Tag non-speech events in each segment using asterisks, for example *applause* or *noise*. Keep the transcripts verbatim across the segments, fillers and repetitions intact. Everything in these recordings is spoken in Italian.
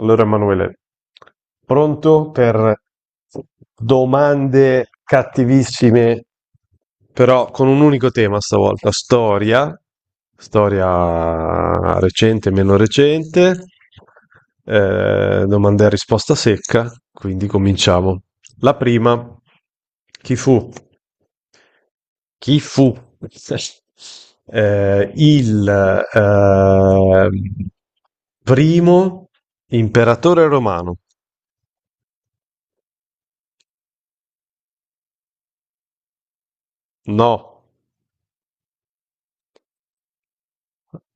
Allora, Emanuele, pronto per domande cattivissime, però con un unico tema stavolta, storia, storia recente, meno recente, eh, domande a risposta secca, quindi cominciamo. La prima, chi fu? Chi fu *laughs* eh, il eh, primo imperatore romano, no,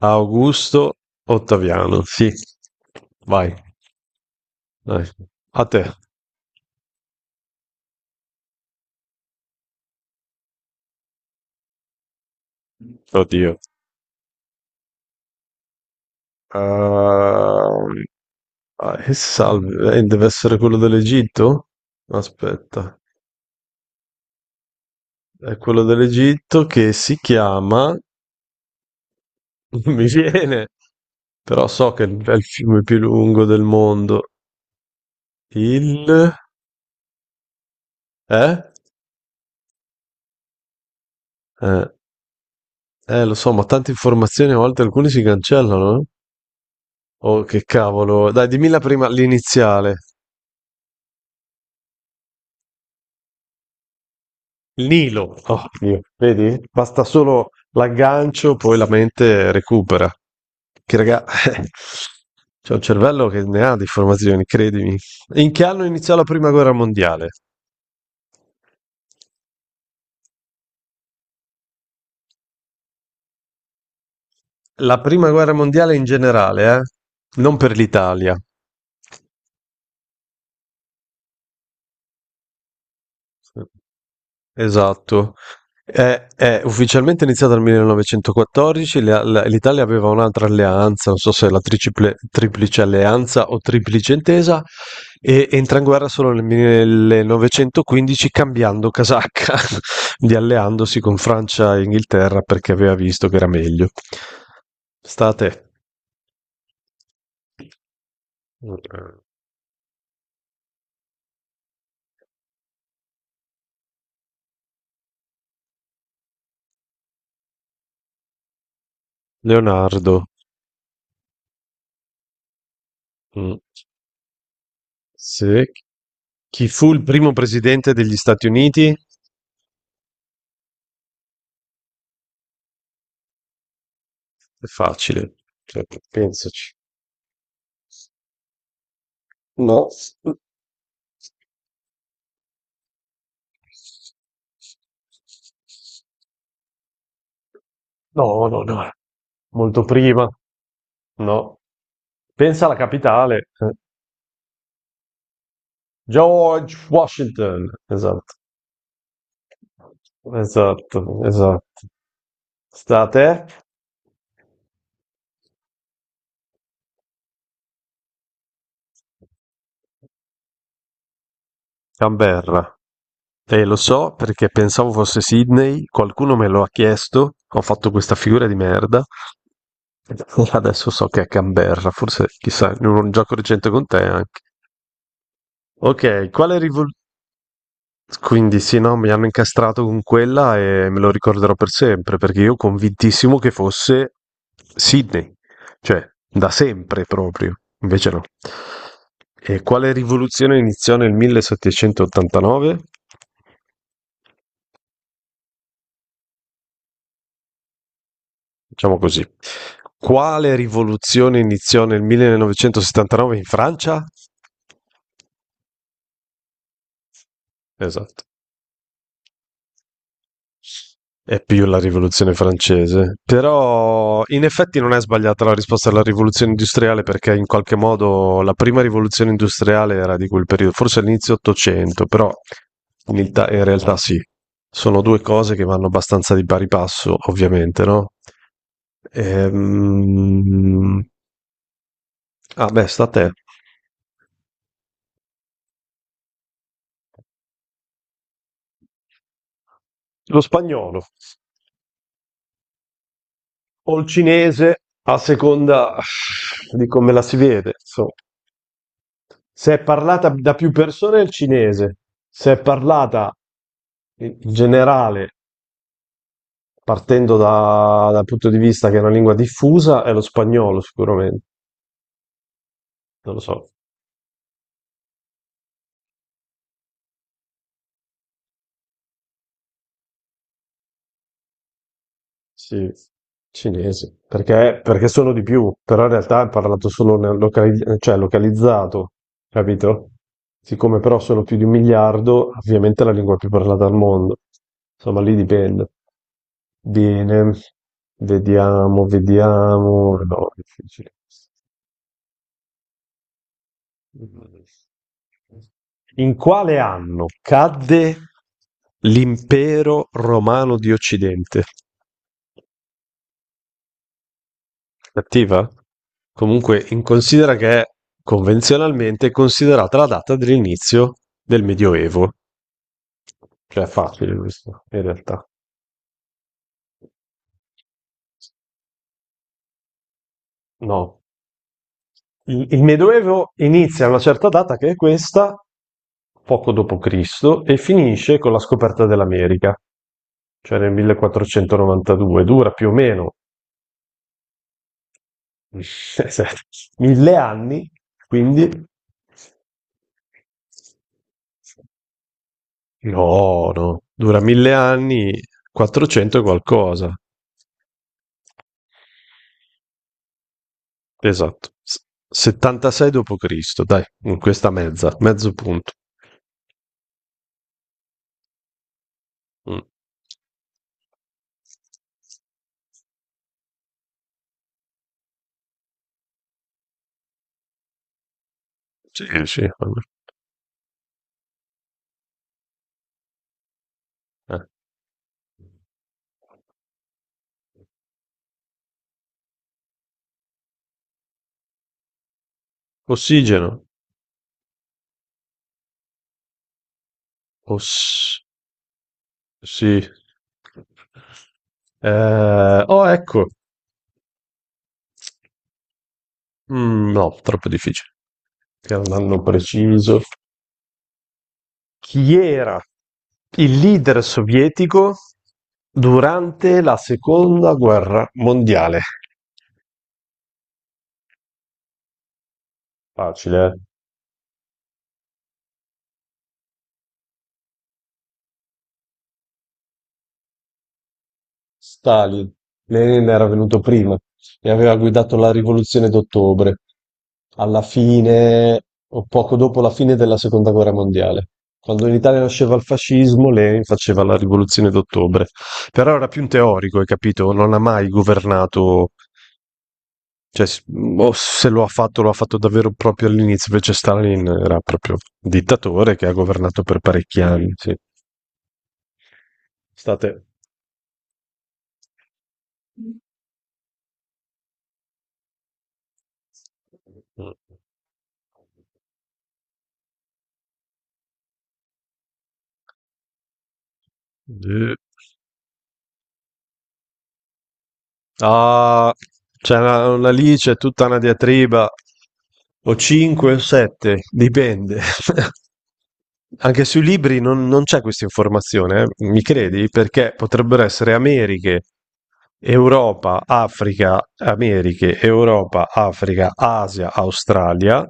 Augusto Ottaviano, sì. Vai, dai. A te. Oddio. Ehm, ah, che salve, eh, deve essere quello dell'Egitto? Aspetta, è quello dell'Egitto che si chiama, *laughs* non mi viene, però so che è il fiume più lungo del mondo, il... Eh? Eh, Eh, lo so, ma tante informazioni a volte alcune si cancellano, eh? Oh, che cavolo. Dai, dimmi la prima, l'iniziale. Il Nilo. Oh, Dio. Vedi? Basta solo l'aggancio, poi la mente recupera. Che raga, *laughs* c'è un cervello che ne ha di informazioni, credimi. In che anno iniziò la prima guerra mondiale? La prima guerra mondiale in generale, eh? Non per l'Italia. Esatto. È, è ufficialmente iniziata nel millenovecentoquattordici, le- la- l'Italia aveva un'altra alleanza, non so se la triciple- triplice alleanza o triplice intesa, e entra in guerra solo nel millenovecentoquindici cambiando casacca, *laughs* di alleandosi con Francia e Inghilterra perché aveva visto che era meglio. State. Leonardo, mm, se- chi fu il primo presidente degli Stati Uniti? È facile, cioè, pensaci. No. No, no, no. Molto prima. No. Pensa alla capitale. Eh. George Washington. Esatto. Esatto, esatto. Sta a te? Canberra. Eh, lo so perché pensavo fosse Sydney, qualcuno me lo ha chiesto, ho fatto questa figura di merda. *laughs* Adesso so che è Canberra, forse chissà, in un gioco recente con te anche. Ok, quale rivoluzione? Quindi sì, no, mi hanno incastrato con quella e me lo ricorderò per sempre, perché io convintissimo che fosse Sydney, cioè da sempre proprio, invece no. E quale rivoluzione iniziò nel millesettecentottantanove? Diciamo così. Quale rivoluzione iniziò nel millenovecentosettantanove in Francia? Esatto. È più la rivoluzione francese, però in effetti non è sbagliata la risposta alla rivoluzione industriale perché in qualche modo la prima rivoluzione industriale era di quel periodo, forse all'inizio ottocento, però in, ilta- in realtà sì, sono due cose che vanno abbastanza di pari passo, ovviamente, no? Ehm... Ah beh, sta a te. Lo spagnolo o il cinese a seconda di come la si vede, insomma. Se è parlata da più persone è il cinese, se è parlata in generale, partendo da- dal punto di vista che è una lingua diffusa, è lo spagnolo sicuramente, non lo so. Sì, cinese, perché, perché sono di più, però in realtà è parlato solo nel locali- cioè localizzato, capito? Siccome però sono più di un miliardo, ovviamente è la lingua più parlata al mondo. Insomma, lì dipende. Bene, vediamo, vediamo. No, è difficile. In quale anno cadde l'impero romano di Occidente? Cattiva? Comunque, in considera che è convenzionalmente considerata la data dell'inizio del Medioevo. Cioè, è facile questo, in realtà. No. Il, il Medioevo inizia a una certa data che è questa, poco dopo Cristo, e finisce con la scoperta dell'America, cioè nel millequattrocentonovantadue. Dura più o meno *laughs* mille anni, quindi. No, no, dura mille anni, quattrocento e qualcosa. Esatto. S- settantasei dopo Cristo, dai, in questa mezza, mezzo punto. Mm. Sì, sì. Vabbè. Eh. Ossigeno. Oss- sì. Eh, oh, ecco. Mm, no, troppo difficile. Era un anno preciso. Chi era il leader sovietico durante la seconda guerra mondiale? Facile, eh? Stalin. Lenin era venuto prima e aveva guidato la rivoluzione d'ottobre, alla fine o poco dopo la fine della seconda guerra mondiale. Quando in Italia nasceva il fascismo, Lenin faceva la rivoluzione d'ottobre. Però era più un teorico, hai capito? Non ha mai governato. Cioè, s- o se lo ha fatto, lo ha fatto davvero proprio all'inizio, invece Stalin era proprio un dittatore che ha governato per parecchi anni, sì. State... Eh. Ah, c'è una, una lì, c'è tutta una diatriba. O cinque o sette, dipende. *laughs* Anche sui libri non, non c'è questa informazione, eh, Mi credi? Perché potrebbero essere Americhe, Europa, Africa, Americhe, Europa, Africa, Asia, Australia,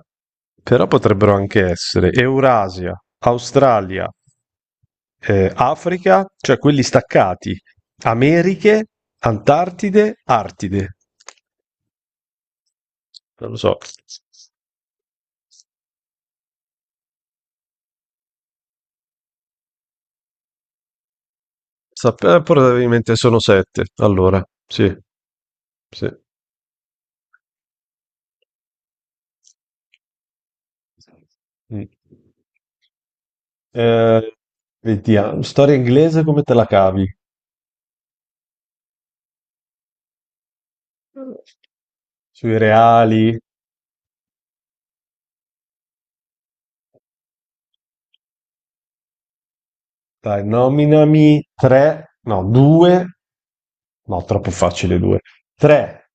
però potrebbero anche essere Eurasia, Australia. Ehm, Africa, cioè quelli staccati, Americhe, Antartide, Artide. Non lo so. Sta- eh, probabilmente sono sette. Allora, sì, sì. Mm. Eh, vediamo, storia inglese come te la cavi? Sui reali, dai, nominami tre, no, due. No, troppo facile due. Tre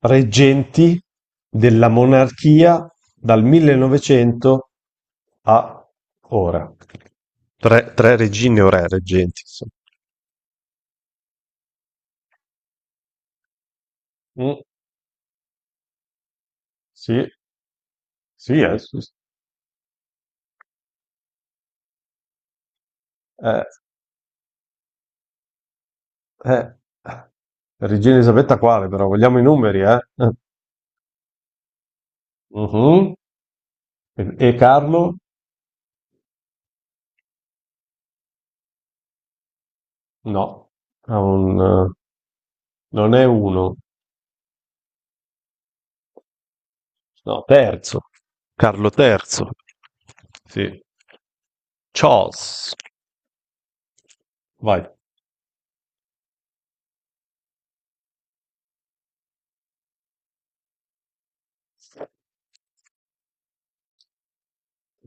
reggenti della monarchia dal millenovecento a ora. Tre, tre regine o re reggenti, insomma. Mm, sì, sì, eh, sì, sì. Eh, eh. Regina Elisabetta quale, però? Vogliamo i numeri, eh? Eh, mhm. E, e Carlo? No, ha un, eh, non è uno, no, terzo. Carlo terzo. Sì. Charles, vai.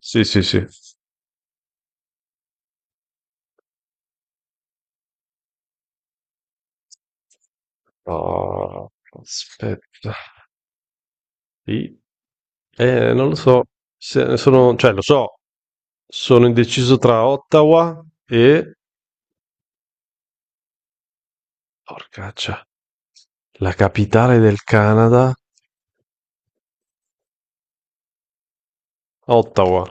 Sì, sì, sì. Oh, aspetta. I- Eh, non lo so, Se- sono, cioè lo so, sono indeciso tra Ottawa e... Porcaccia, la capitale del Canada, Ottawa.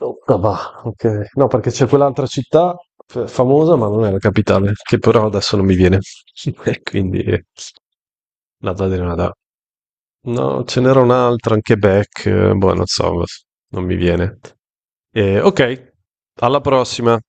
Ottawa, ok. No, perché c'è quell'altra città f- famosa, ma non è la capitale, che però adesso non mi viene. *laughs* E quindi eh, la data è una data. No, ce n'era un'altra, anche Beck, eh, boh, non so, non mi viene. Eh, ok, alla prossima.